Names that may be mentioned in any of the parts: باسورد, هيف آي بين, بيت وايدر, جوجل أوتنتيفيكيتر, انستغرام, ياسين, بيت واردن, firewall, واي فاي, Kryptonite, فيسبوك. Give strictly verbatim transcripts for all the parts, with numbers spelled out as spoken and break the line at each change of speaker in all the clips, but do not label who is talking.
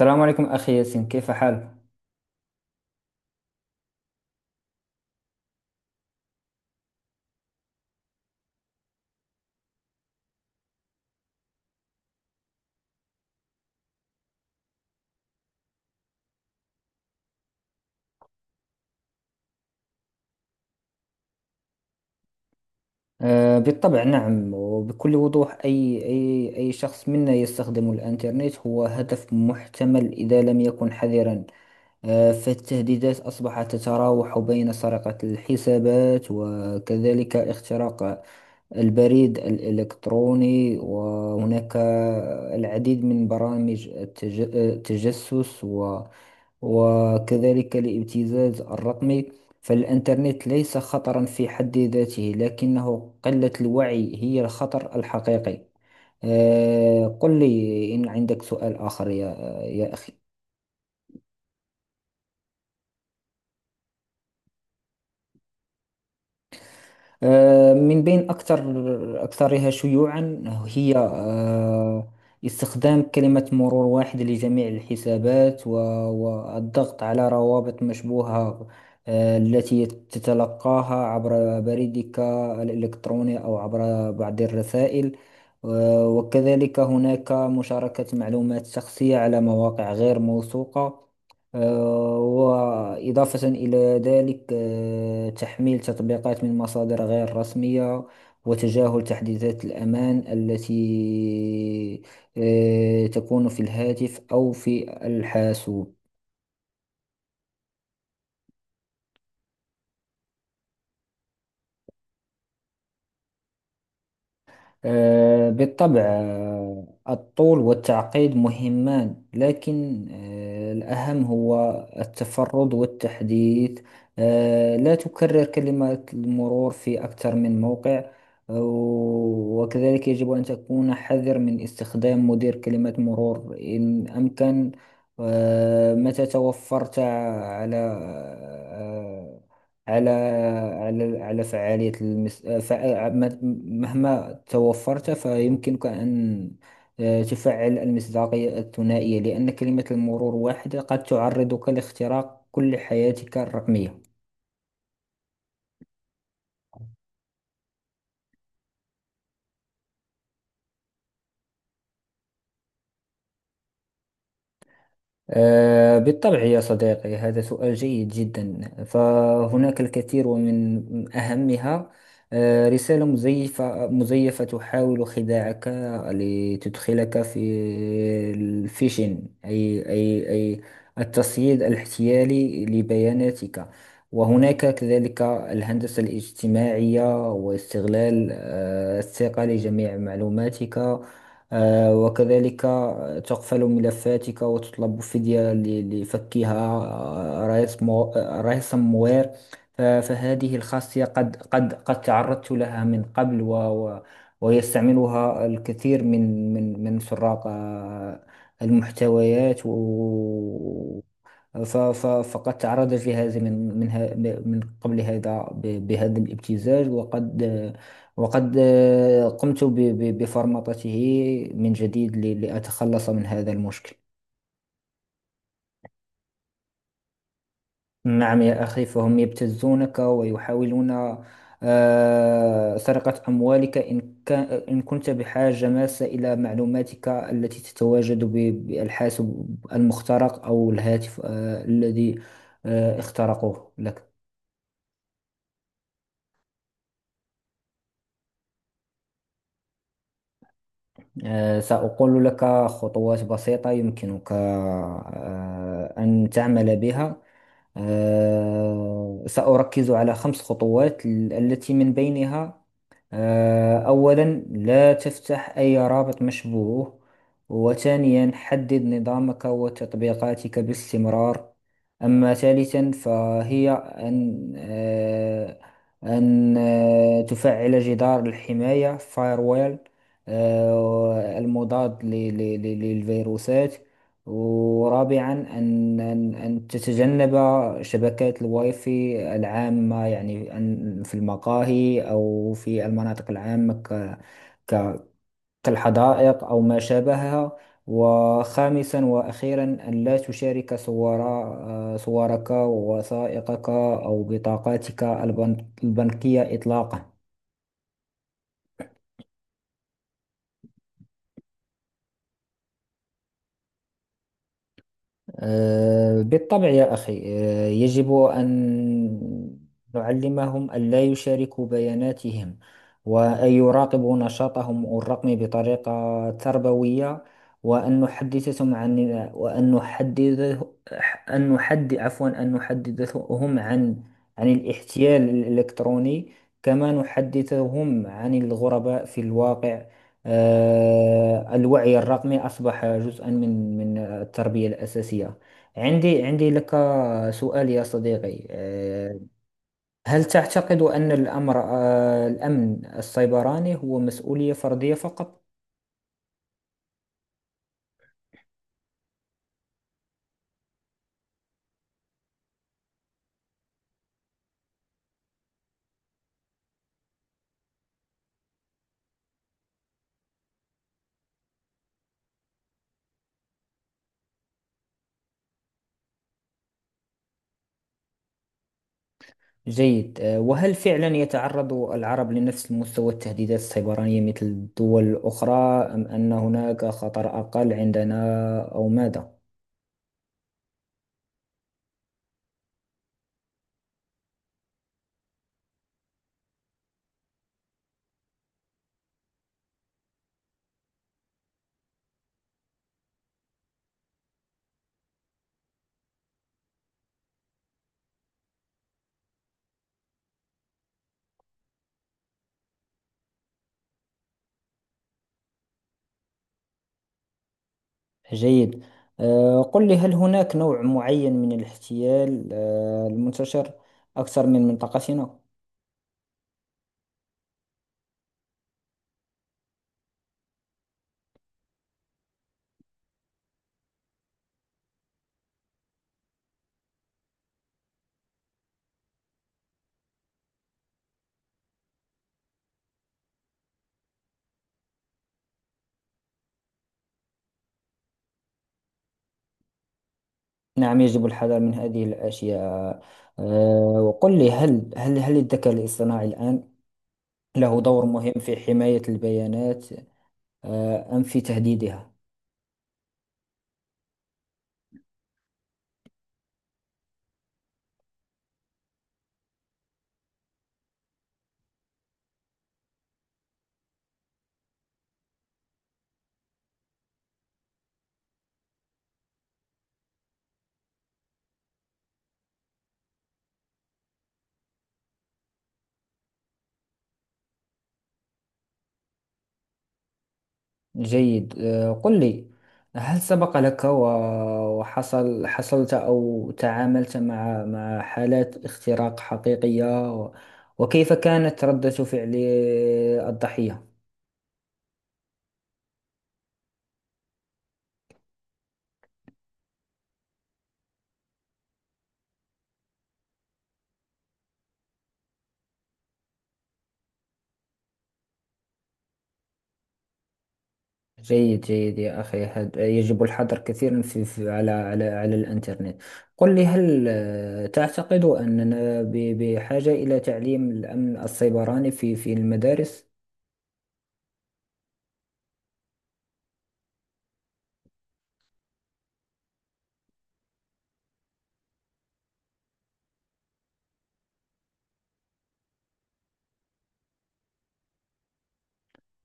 السلام عليكم أخي ياسين، كيف حالك؟ آه بالطبع، نعم وبكل وضوح، أي أي أي شخص منا يستخدم الإنترنت هو هدف محتمل إذا لم يكن حذرا. آه فالتهديدات أصبحت تتراوح بين سرقة الحسابات وكذلك اختراق البريد الإلكتروني، وهناك العديد من برامج التج- التجسس وكذلك الابتزاز الرقمي. فالإنترنت ليس خطرا في حد ذاته، لكنه قلة الوعي هي الخطر الحقيقي. آه، قل لي إن عندك سؤال آخر يا يا أخي. آه، من بين أكثر أكثرها شيوعا هي آه، استخدام كلمة مرور واحد لجميع الحسابات، و- والضغط على روابط مشبوهة آه، التي تتلقاها عبر بريدك الإلكتروني أو عبر بعض الرسائل. آه، وكذلك هناك مشاركة معلومات شخصية على مواقع غير موثوقة. آه، وإضافة إلى ذلك، آه، تحميل تطبيقات من مصادر غير رسمية وتجاهل تحديثات الأمان التي آه، تكون في الهاتف أو في الحاسوب. آه، بالطبع، آه، الطول والتعقيد مهمان، لكن آه، الأهم هو التفرد والتحديث. آه، لا تكرر كلمات المرور في أكثر من موقع. آه، وكذلك يجب أن تكون حذر من استخدام مدير كلمات مرور إن أمكن. آه، متى توفرت على آه، على على على فعالية المس... فع... مهما توفرت، فيمكنك أن آه، تفعل المصداقية الثنائية، لأن كلمة المرور واحدة قد تعرضك لاختراق كل حياتك الرقمية. آه، بالطبع يا صديقي، هذا سؤال جيد جدا، فهناك الكثير ومن أهمها آه، رسالة مزيفة مزيفة تحاول خداعك لتدخلك في الفيشن، أي أي أي التصعيد الاحتيالي لبياناتك. وهناك كذلك الهندسة الاجتماعية واستغلال آه، الثقة لجميع معلوماتك. آه، وكذلك تقفل ملفاتك وتطلب فدية ل- لفكها. آه، رئيس مو... آه، رئيس موير. ف- فهذه الخاصية قد قد قد تعرضت لها من قبل، و... و... ويستعملها الكثير من من من سراق آه، المحتويات. و... ف- ف- فقد تعرض جهازي من من ه- من قبل هذا ب- بهذا الابتزاج، وقد وقد آه، قمت ب- ب- بفرمطته من جديد ل- لأتخلص من هذا المشكل. نعم يا أخي، فهم يبتزونك ويحاولون آه، سرقة أموالك إن كان إن كنت بحاجة ماسة إلى معلوماتك التي تتواجد ب- بالحاسب المخترق أو الهاتف آه، الذي آه، اخترقوه لك. آه، سأقول لك خطوات بسيطة يمكنك آه، أن تعمل بها. آه، سأركز على خمس خطوات ال- التي من بينها آه، أولا، لا تفتح أي رابط مشبوه. وثانيا، حدد نظامك وتطبيقاتك باستمرار. أما ثالثا، فهي أن آه، أن آه، تفعل جدار الحماية firewall آه، المضاد ل- ل- ل- للفيروسات. ورابعا، أن أن أن تتجنب شبكات الواي فاي العامة، يعني أن في المقاهي أو في المناطق العامة، ك- ك- كالحدائق أو ما شابهها. وخامسا وأخيرا، أن لا تشارك صور آه، صورك ووثائقك أو بطاقاتك البنك- البنكية إطلاقا. آه، بالطبع يا أخي، آه، يجب أن نعلمهم ألا يشاركوا بياناتهم، وأن يراقبوا نشاطهم الرقمي بطريقة تربوية، وأن نحدثهم عن وأن نحدد أن نحد عفوا أن نحدثهم عن عن الاحتيال الإلكتروني، كما نحدثهم عن الغرباء في الواقع. آه، الوعي الرقمي أصبح جزءا من من التربية الأساسية. عندي عندي لك سؤال يا صديقي، آه، هل تعتقد أن الأمر آه، الأمن السيبراني هو مسؤولية فردية فقط؟ جيد. آه، وهل فعلا يتعرض العرب لنفس مستوى التهديدات السيبرانية مثل الدول الأخرى، أم أن هناك خطر أقل عندنا أو ماذا؟ جيد. آه، قل لي، هل هناك نوع معين من الاحتيال آه، المنتشر أكثر من منطقتنا؟ نعم، يجب الحذر من هذه الأشياء. آه، وقل لي، هل هل هل الذكاء الاصطناعي الآن له دور مهم في حماية البيانات آه، أم في تهديدها؟ جيد. آه، قل لي، هل سبق لك و- وحصل حصلت أو تعاملت مع مع حالات اختراق حقيقية؟ و- وكيف كانت ردة فعل الضحية؟ جيد جيد يا أخي، هذا يجب الحذر كثيرا في في على على على الإنترنت. قل لي، هل آه، تعتقد أننا ب- بحاجة إلى تعليم الأمن السيبراني في في المدارس؟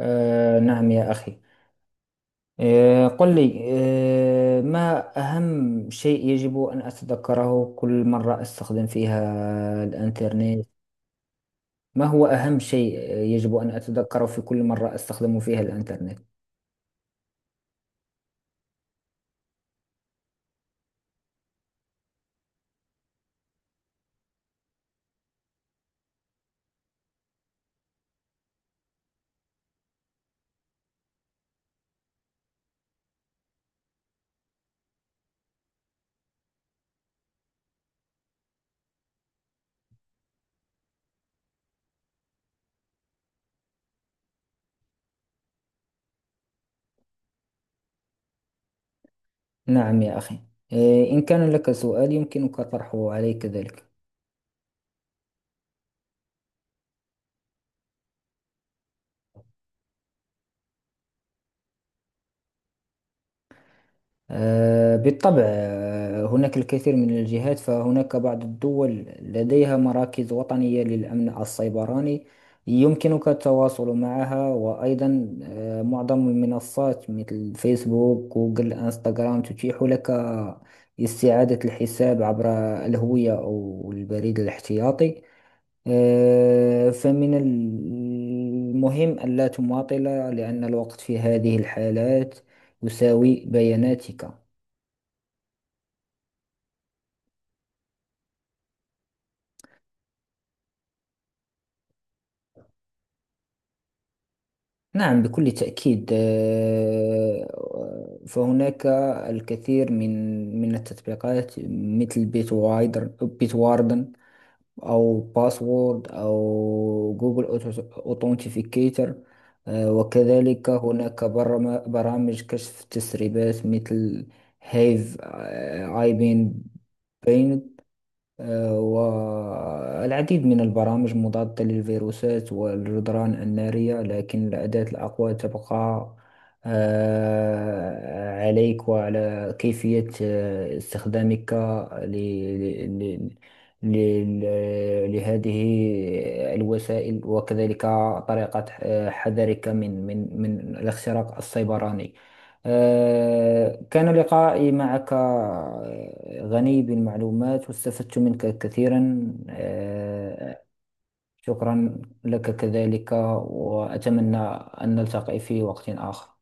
آه نعم يا أخي. آه، قل لي، آه، ما أهم شيء يجب أن أتذكره كل مرة أستخدم فيها الإنترنت؟ ما هو أهم شيء يجب أن أتذكره في كل مرة أستخدم فيها الإنترنت؟ نعم يا أخي. آه، إن كان لك سؤال، يمكنك طرحه علي كذلك. آه، بالطبع، آه، هناك الكثير من الجهات، فهناك بعض الدول لديها مراكز وطنية للأمن السيبراني، يمكنك التواصل معها. وأيضا آه، معظم المنصات مثل فيسبوك، جوجل، انستغرام تتيح لك استعادة الحساب عبر الهوية أو البريد الاحتياطي. آه، فمن المهم ألا تماطل، لأن الوقت في هذه الحالات يساوي بياناتك. نعم بكل تأكيد، آه، فهناك الكثير من من التطبيقات مثل بيت وايدر، بيت واردن، أو باسورد، أو جوجل أوتنتيفيكيتر. وكذلك هناك برم- برامج كشف تسريبات مثل هيف آي بين. آه، والعديد من البرامج مضادة للفيروسات والجدران النارية، لكن الأداة الأقوى تبقى آه، عليك وعلى كيفية آه، استخدامك ل- ل- ل- ل- ل- لهذه الوسائل، وكذلك طريقة آه، حذرك من من من الاختراق السيبراني. آه، كان لقائي معك آه، غني بالمعلومات واستفدت منك كثيرا. آه، شكرا لك كذلك، وأتمنى أن نلتقي في وقت آخر.